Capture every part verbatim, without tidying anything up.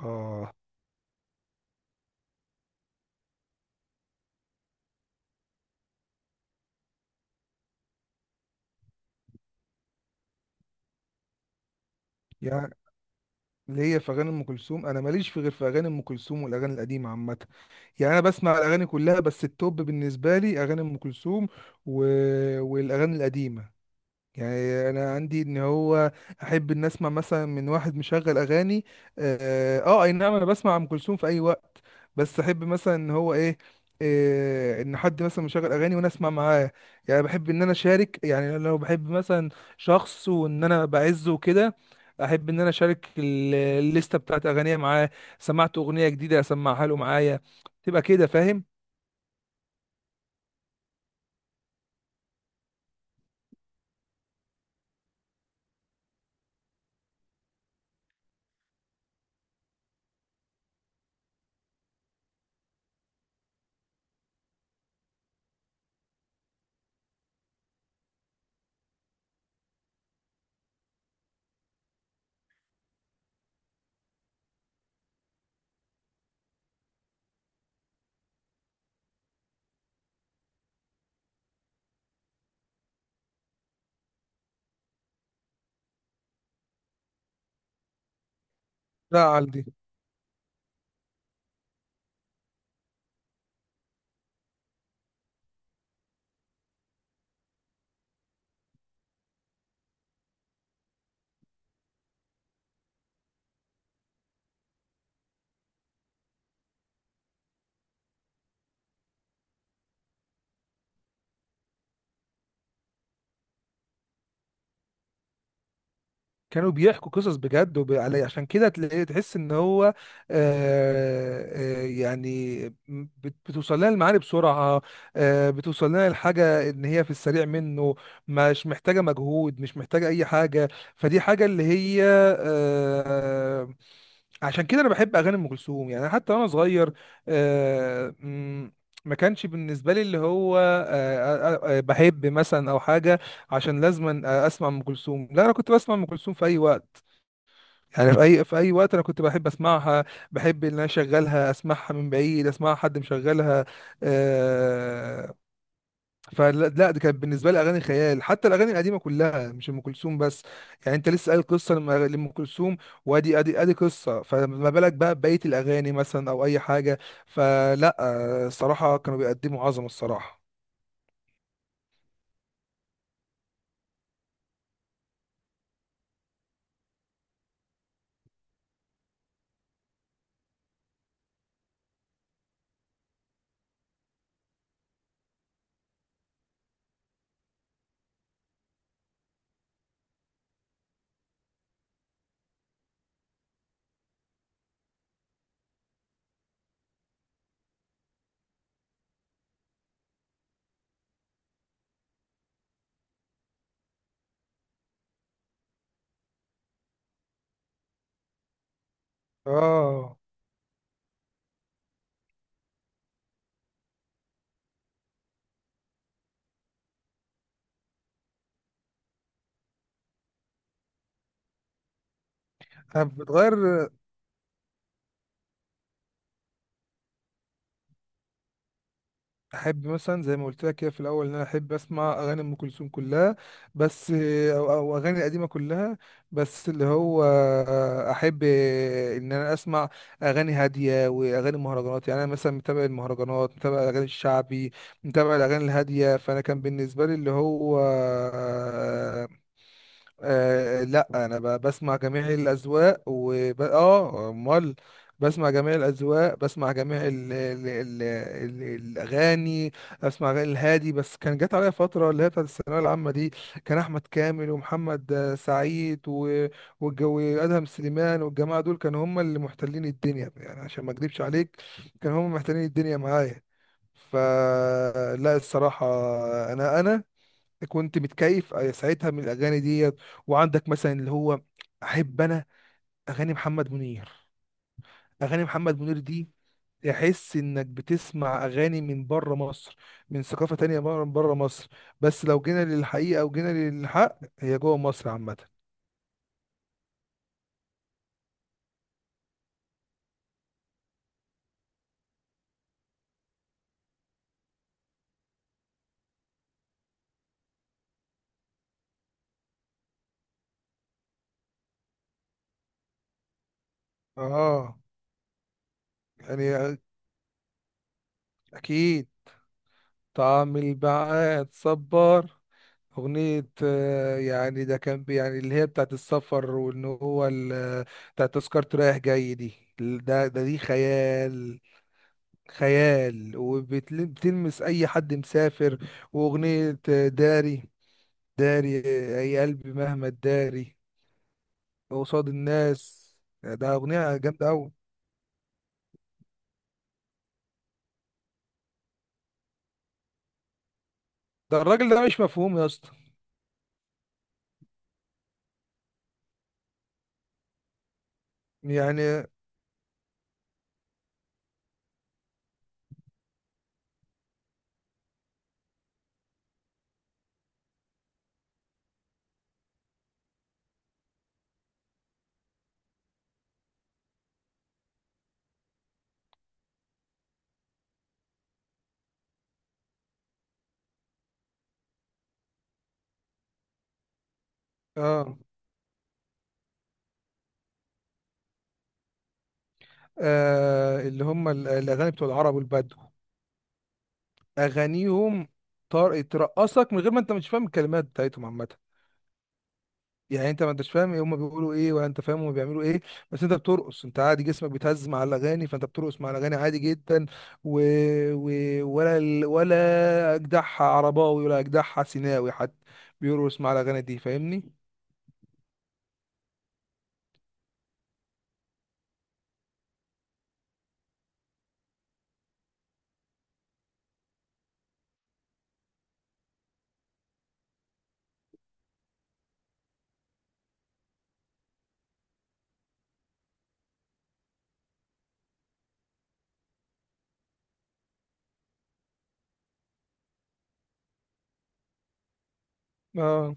اه يعني ليا في اغاني ام كلثوم. انا ماليش في غير في اغاني ام كلثوم والاغاني القديمه عامه. يعني انا بسمع الاغاني كلها، بس التوب بالنسبه لي اغاني ام كلثوم و... والاغاني القديمه. يعني انا عندي ان هو احب ان اسمع مثلا من واحد مشغل اغاني. اه آه، اي نعم، انا بسمع ام كلثوم في اي وقت. بس احب مثلا ان هو ايه إيه ان حد مثلا مشغل اغاني وانا اسمع معاه. يعني بحب ان انا اشارك، يعني لو بحب مثلا شخص وان انا بعزه وكده، احب ان انا اشارك ال- الليسته بتاعت اغانيه معاه. سمعت اغنيه جديده اسمعها له معايا، تبقى كده فاهم. ده كانوا بيحكوا قصص بجد وب... علي، عشان كده تلاقي تحس ان هو آه آه يعني بت- بتوصل لنا المعاني بسرعة. آه، بتوصل لنا الحاجة ان هي في السريع منه، مش محتاجة مجهود مش محتاجة اي حاجة. فدي حاجة اللي هي آه عشان كده انا بحب اغاني ام كلثوم، يعني حتى وانا صغير. آه م- ما كانش بالنسبة لي اللي هو آه، آه، آه، آه، بحب مثلا أو حاجة عشان لازما آه، اسمع ام كلثوم. لا، انا كنت بسمع ام كلثوم في اي وقت. يعني في اي في اي وقت انا كنت بحب اسمعها. بحب ان انا اشغلها، اسمعها من بعيد، اسمعها حد مشغلها. آه فلا لا، دي كانت بالنسبه لي اغاني خيال. حتى الاغاني القديمه كلها، مش ام كلثوم بس. يعني انت لسه قايل قصه لم- لام كلثوم، وادي ادي ادي قصه، فما بالك بقى بقيه الاغاني مثلا او اي حاجه. فلا آه، الصراحه كانوا بيقدموا عظمه الصراحه. اه، بتغير. احب مثلا زي ما قلت لك كده في الاول ان انا احب اسمع اغاني ام كلثوم كلها، بس او أو اغاني قديمه كلها. بس اللي هو احب ان انا اسمع اغاني هاديه واغاني مهرجانات. يعني انا مثلا متابع المهرجانات، متابع الاغاني الشعبي، متابع الاغاني الهاديه. فانا كان بالنسبه لي اللي هو آه لا، انا ب- بسمع جميع الاذواق وب... اه امال بسمع جميع الاذواق، بسمع جميع ال... ال... ال... ال... الاغاني. اسمع أغاني الهادي، بس كان جات عليا فتره اللي هي بتاعت الثانويه العامه دي، كان احمد كامل ومحمد آه، سعيد و... والجو ادهم سليمان والجماعه دول كانوا هم اللي محتلين الدنيا. يعني عشان ما اكذبش عليك، كانوا هم محتلين الدنيا معايا. فلا الصراحه، انا انا كنت متكيف آه، ساعتها من الاغاني ديت. وعندك مثلا اللي هو، احب انا اغاني محمد منير. اغاني محمد منير دي تحس انك بتسمع اغاني من بره مصر، من ثقافة تانية بره بره مصر. بس لو جينا للحقيقة وجينا للحق، هي جوه مصر عامة. اه يعني، اكيد. طعم البعاد صبار، أغنية آه، يعني ده كان بي- يعني اللي هي بتاعت السفر، وإن هو ال- آه، بتاعت تذكرة رايح جاي دي. ده ده دي خيال، خيال، وبتلمس أي حد مسافر. وأغنية آه، داري، داري آه، أي قلبي مهما تداري قصاد الناس، ده أغنية جامدة أوي. ده الراجل ده مش مفهوم يا اسطى. يعني آه, آه اللي هم ال- الأغاني بتوع العرب والبدو، اغانيهم طار ترقصك من غير ما انت مش فاهم الكلمات بتاعتهم عامه. يعني انت ما انتش فاهم ايه هم بيقولوا ايه ولا انت فاهم هم بيعملوا ايه، بس انت بترقص، انت عادي جسمك بيتهز مع الاغاني، فانت بترقص مع الاغاني عادي جدا. و... و... ولا ال- ولا اجدعها عرباوي ولا اجدعها سيناوي حد بيرقص مع الاغاني دي، فاهمني. اه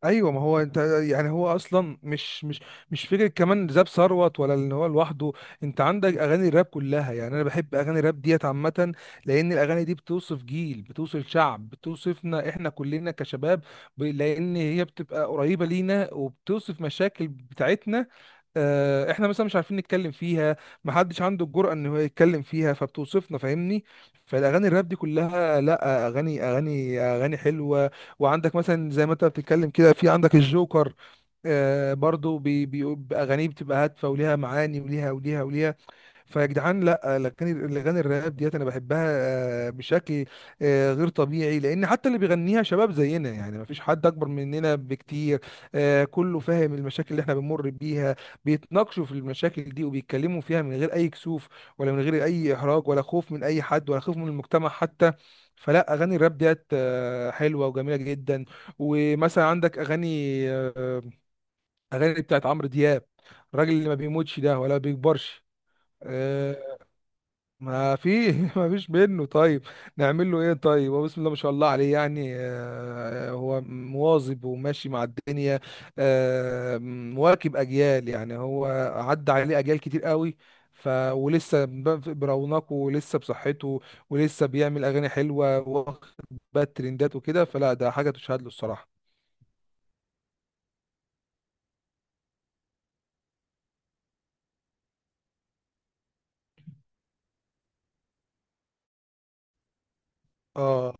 ايوه، ما هو انت يعني هو اصلا مش مش مش فكره كمان زاب ثروت ولا ان هو لوحده. انت عندك اغاني الراب كلها، يعني انا بحب اغاني الراب ديت عامه، لان الاغاني دي بتوصف جيل، بتوصف شعب، بتوصفنا احنا كلنا كشباب. ب- لان هي بتبقى قريبه لينا وبتوصف مشاكل بتاعتنا آه، احنا مثلا مش عارفين نتكلم فيها، محدش عنده الجرأة ان هو يتكلم فيها، فبتوصفنا فاهمني. فالاغاني الراب دي كلها، لا اغاني، اغاني اغاني حلوة. وعندك مثلا زي ما انت بتتكلم كده، في عندك الجوكر، آه، برضو بي- بي- بأغانيه بتبقى هادفة وليها معاني وليها وليها وليها. فيا جدعان لا، الاغاني الاغاني الراب ديت انا بحبها آه، بشكل آه، غير طبيعي، لان حتى اللي بيغنيها شباب زينا، يعني ما فيش حد اكبر مننا بكتير. آه، كله فاهم المشاكل اللي احنا بنمر بيها، بيتناقشوا في المشاكل دي وبيتكلموا فيها من غير اي كسوف ولا من غير اي احراج، ولا خوف من اي حد ولا خوف من المجتمع حتى. فلا اغاني الراب ديت آه، حلوه وجميله جدا. ومثلا عندك اغاني آه، اغاني بتاعت عمرو دياب، الراجل اللي ما بيموتش ده ولا بيكبرش. آه، ما في ما فيش منه. طيب نعمل له ايه؟ طيب هو بسم الله ما شاء الله عليه، يعني آه، هو مواظب وماشي مع الدنيا، آه، مواكب اجيال. يعني هو عدى عليه اجيال كتير قوي، ف ولسه ب- برونقه ولسه بصحته ولسه بيعمل اغاني حلوه، واخد بقى الترندات وكده. فلا ده حاجه تشهد له الصراحه. اه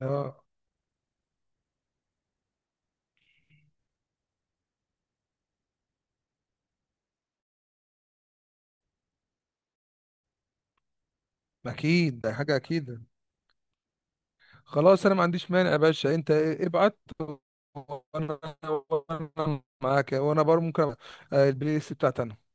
اه اكيد، ده حاجه اكيد. خلاص انا ما عنديش مانع يا باشا، انت ابعت وانا، وأنا معاك، وانا بر ممكن أبقى- آه، البلاي ليست بتاعتي انا.